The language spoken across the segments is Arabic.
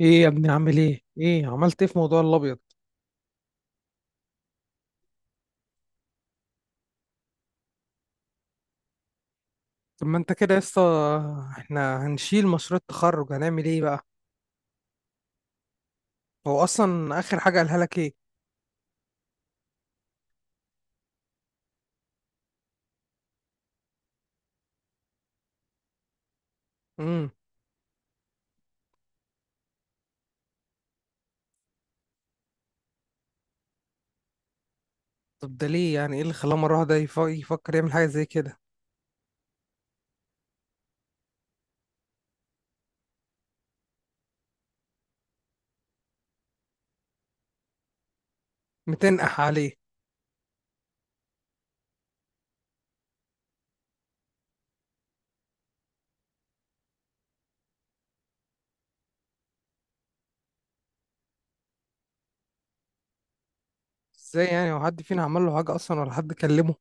ايه يا ابني، عامل ايه؟ ايه عملت ايه في موضوع الابيض؟ طب ما انت كده يا اسطى. احنا هنشيل مشروع التخرج، هنعمل ايه بقى؟ هو اصلا اخر حاجه قالها لك ايه؟ امم طب ده ليه؟ يعني ايه اللي خلاه مره واحده يفكر يعمل حاجه زي كده؟ متنقح عليه. ازاي يعني؟ هو حد فينا عمل له حاجه اصلا ولا حد كلمه؟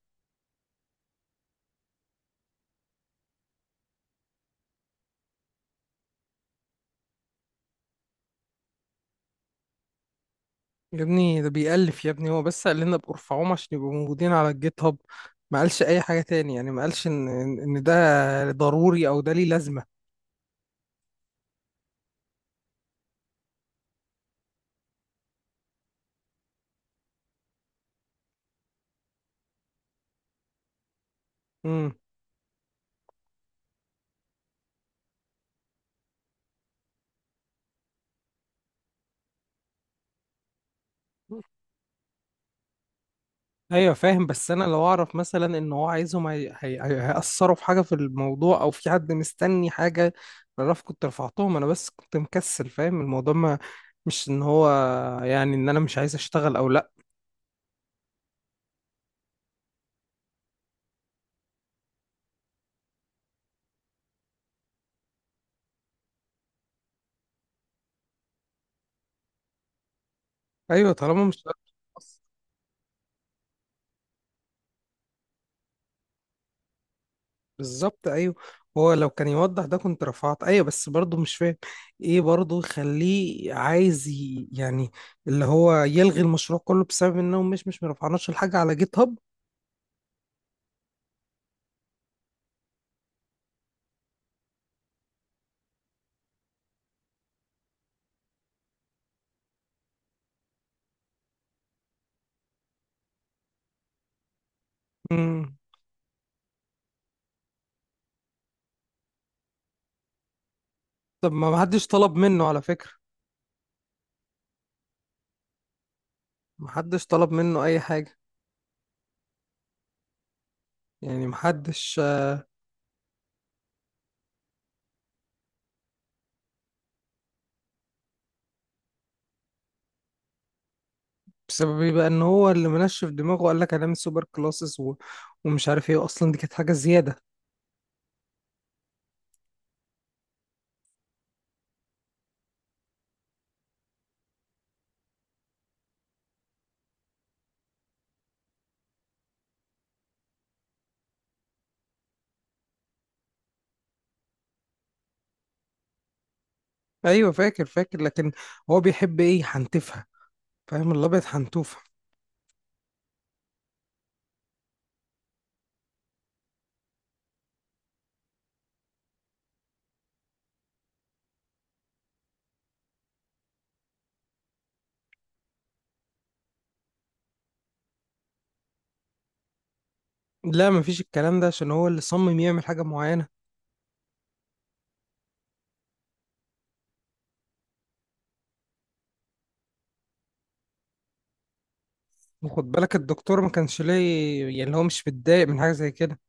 يا ابني ده بيألف، يا ابني هو بس قال لنا بارفعوهم عشان يبقوا موجودين على الجيت هاب. ما قالش اي حاجه تاني، يعني ما قالش ان ان إن ده ضروري او ده ليه لازمه. امم ايوه فاهم، بس انا لو اعرف مثلا ان هو عايزهم هيأثروا في حاجه في الموضوع او في حد مستني حاجه، بعرف، كنت رفعتهم انا بس كنت مكسل. فاهم الموضوع؟ ما مش ان هو يعني، ان انا مش عايز اشتغل او لا. ايوه، طالما مش بالظبط. ايوه هو لو كان يوضح ده كنت رفعت، ايوه بس برضه مش فاهم ايه برضه يخليه عايز يعني اللي هو يلغي المشروع كله بسبب انهم مش مرفعناش الحاجه على جيت هاب. مم. طب ما حدش طلب منه على فكره، محدش طلب منه اي حاجه، يعني محدش. بسبب ايه بقى؟ ان هو اللي منشف دماغه وقال لك هنعمل سوبر كلاسز ومش عارف ايه، اصلا دي كانت حاجه زياده. ايوه فاكر، فاكر، لكن هو بيحب ايه؟ حنتفها، فاهم؟ الابيض حنتوفه. لا مفيش الكلام ده، عشان هو اللي صمم يعمل حاجه معينه. وخد بالك الدكتور ما كانش ليه، يعني اللي هو مش متضايق من حاجه زي كده.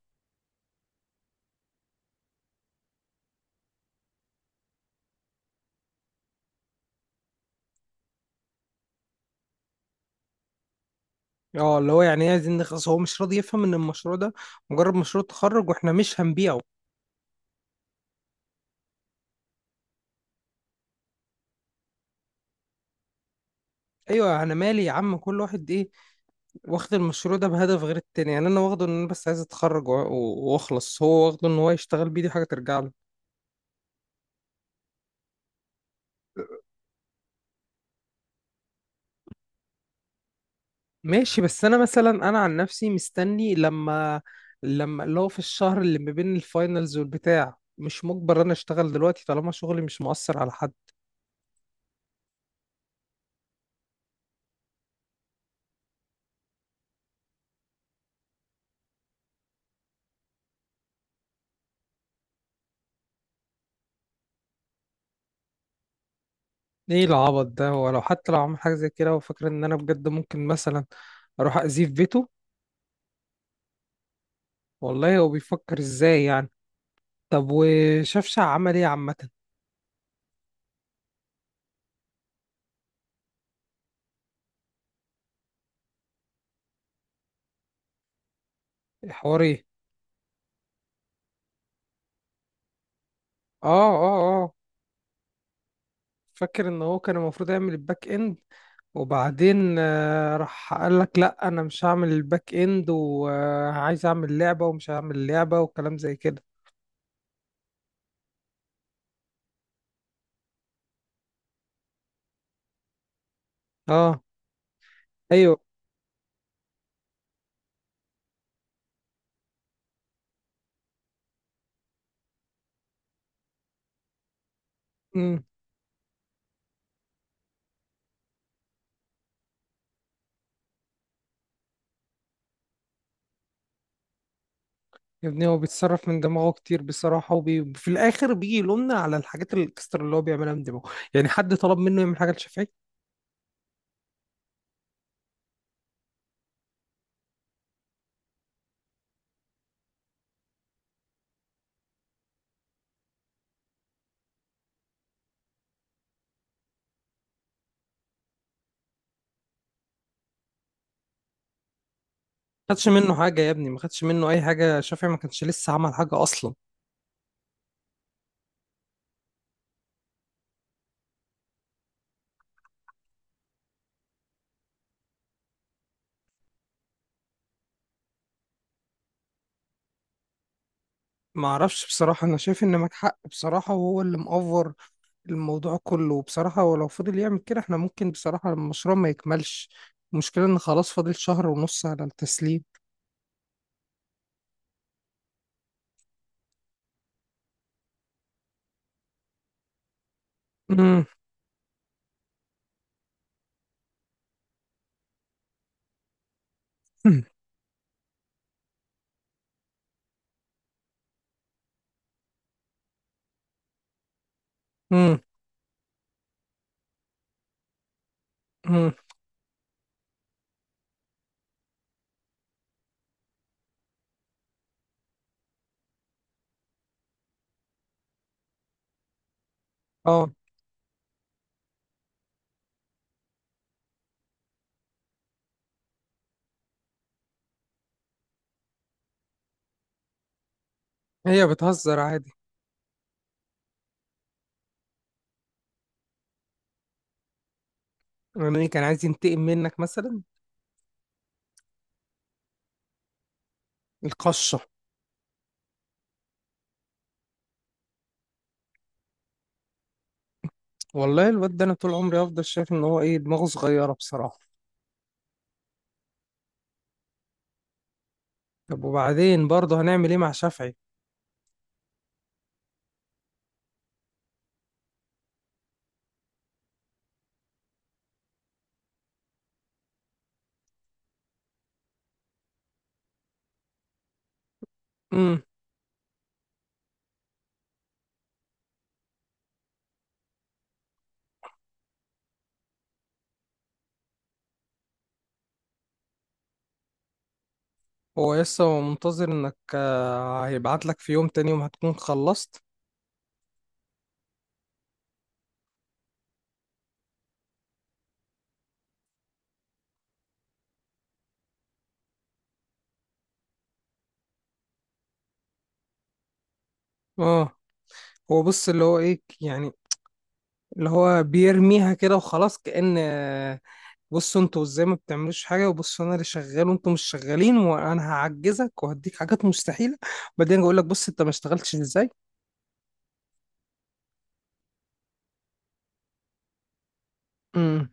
اه، اللي هو يعني ايه عايزين نخلص؟ هو مش راضي يفهم ان المشروع ده مجرد مشروع تخرج واحنا مش هنبيعه. ايوه انا مالي يا عم، كل واحد ايه، واخد المشروع ده بهدف غير التاني، يعني انا واخده ان انا بس عايز اتخرج واخلص، هو واخده ان هو يشتغل بيه، دي حاجه ترجع له. ماشي، بس انا مثلا، انا عن نفسي مستني لما لما اللي هو في الشهر اللي ما بين الفاينلز والبتاع، مش مجبر انا اشتغل دلوقتي طالما شغلي مش مؤثر على حد. ايه العبط ده؟ ولو حتى لو عمل حاجه زي كده وفاكر ان انا بجد ممكن مثلا اروح اذيه في بيته. والله هو بيفكر ازاي يعني؟ طب وشفشع عمل ايه عامه؟ الحوار ايه؟ اه، اه، اه فاكر ان هو كان المفروض يعمل الباك اند، وبعدين راح قال لك لا انا مش هعمل الباك اند وعايز اعمل لعبة ومش هعمل لعبة وكلام زي كده. اه. ايوه. امم يا ابني هو بيتصرف من دماغه كتير بصراحة، وفي الاخر بيجي يلومنا على الحاجات الاكسترا اللي هو بيعملها من دماغه، يعني حد طلب منه يعمل حاجة لشافعي؟ ما خدش منه حاجة يا ابني، ما خدش منه اي حاجة، شافعي ما كانش لسه عمل حاجة اصلا. ما اعرفش بصراحة، انا شايف ان معاك حق بصراحة، وهو اللي مأفور الموضوع كله بصراحة، ولو فضل يعمل كده احنا ممكن بصراحة المشروع ما يكملش. المشكلة ان خلاص فاضل شهر ونص على التسليم. مم. مم. مم. مم. اه. هي بتهزر عادي. يعني كان عايز ينتقم منك مثلا؟ القشة. والله الواد ده، انا طول عمري هفضل شايف ان هو ايه، دماغه صغيرة بصراحة. طب وبعدين برضه هنعمل ايه مع شافعي؟ مم. هو لسه هو منتظر انك هيبعت لك في يوم، تاني يوم هتكون خلصت. اه، هو بص، اللي هو ايه يعني، اللي هو بيرميها كده وخلاص كأن بصوا انتوا ازاي ما بتعملوش حاجة، وبصوا انا اللي شغال وانتوا مش شغالين، وانا هعجزك وهديك حاجات مستحيلة، بعدين اقول لك بص انت ما اشتغلتش ازاي. امم.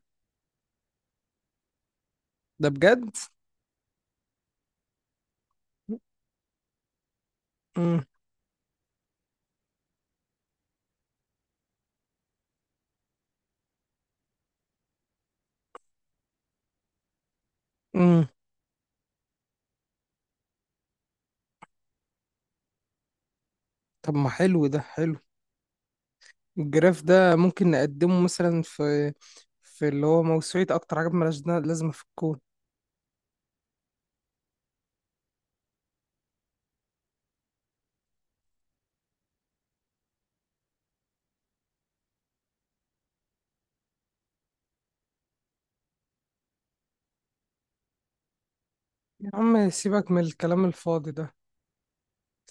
ده بجد؟ امم. امم. طب ما حلو، ده حلو. الجراف ده ممكن نقدمه مثلا في في اللي هو موسوعة اكتر حاجة مالهاش لازمة في الكون. يا عم سيبك من الكلام الفاضي ده،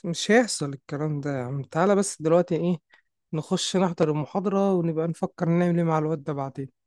مش هيحصل الكلام ده يا عم. تعالى بس دلوقتي، ايه، نخش نحضر المحاضرة ونبقى نفكر نعمل ايه مع الواد ده بعدين.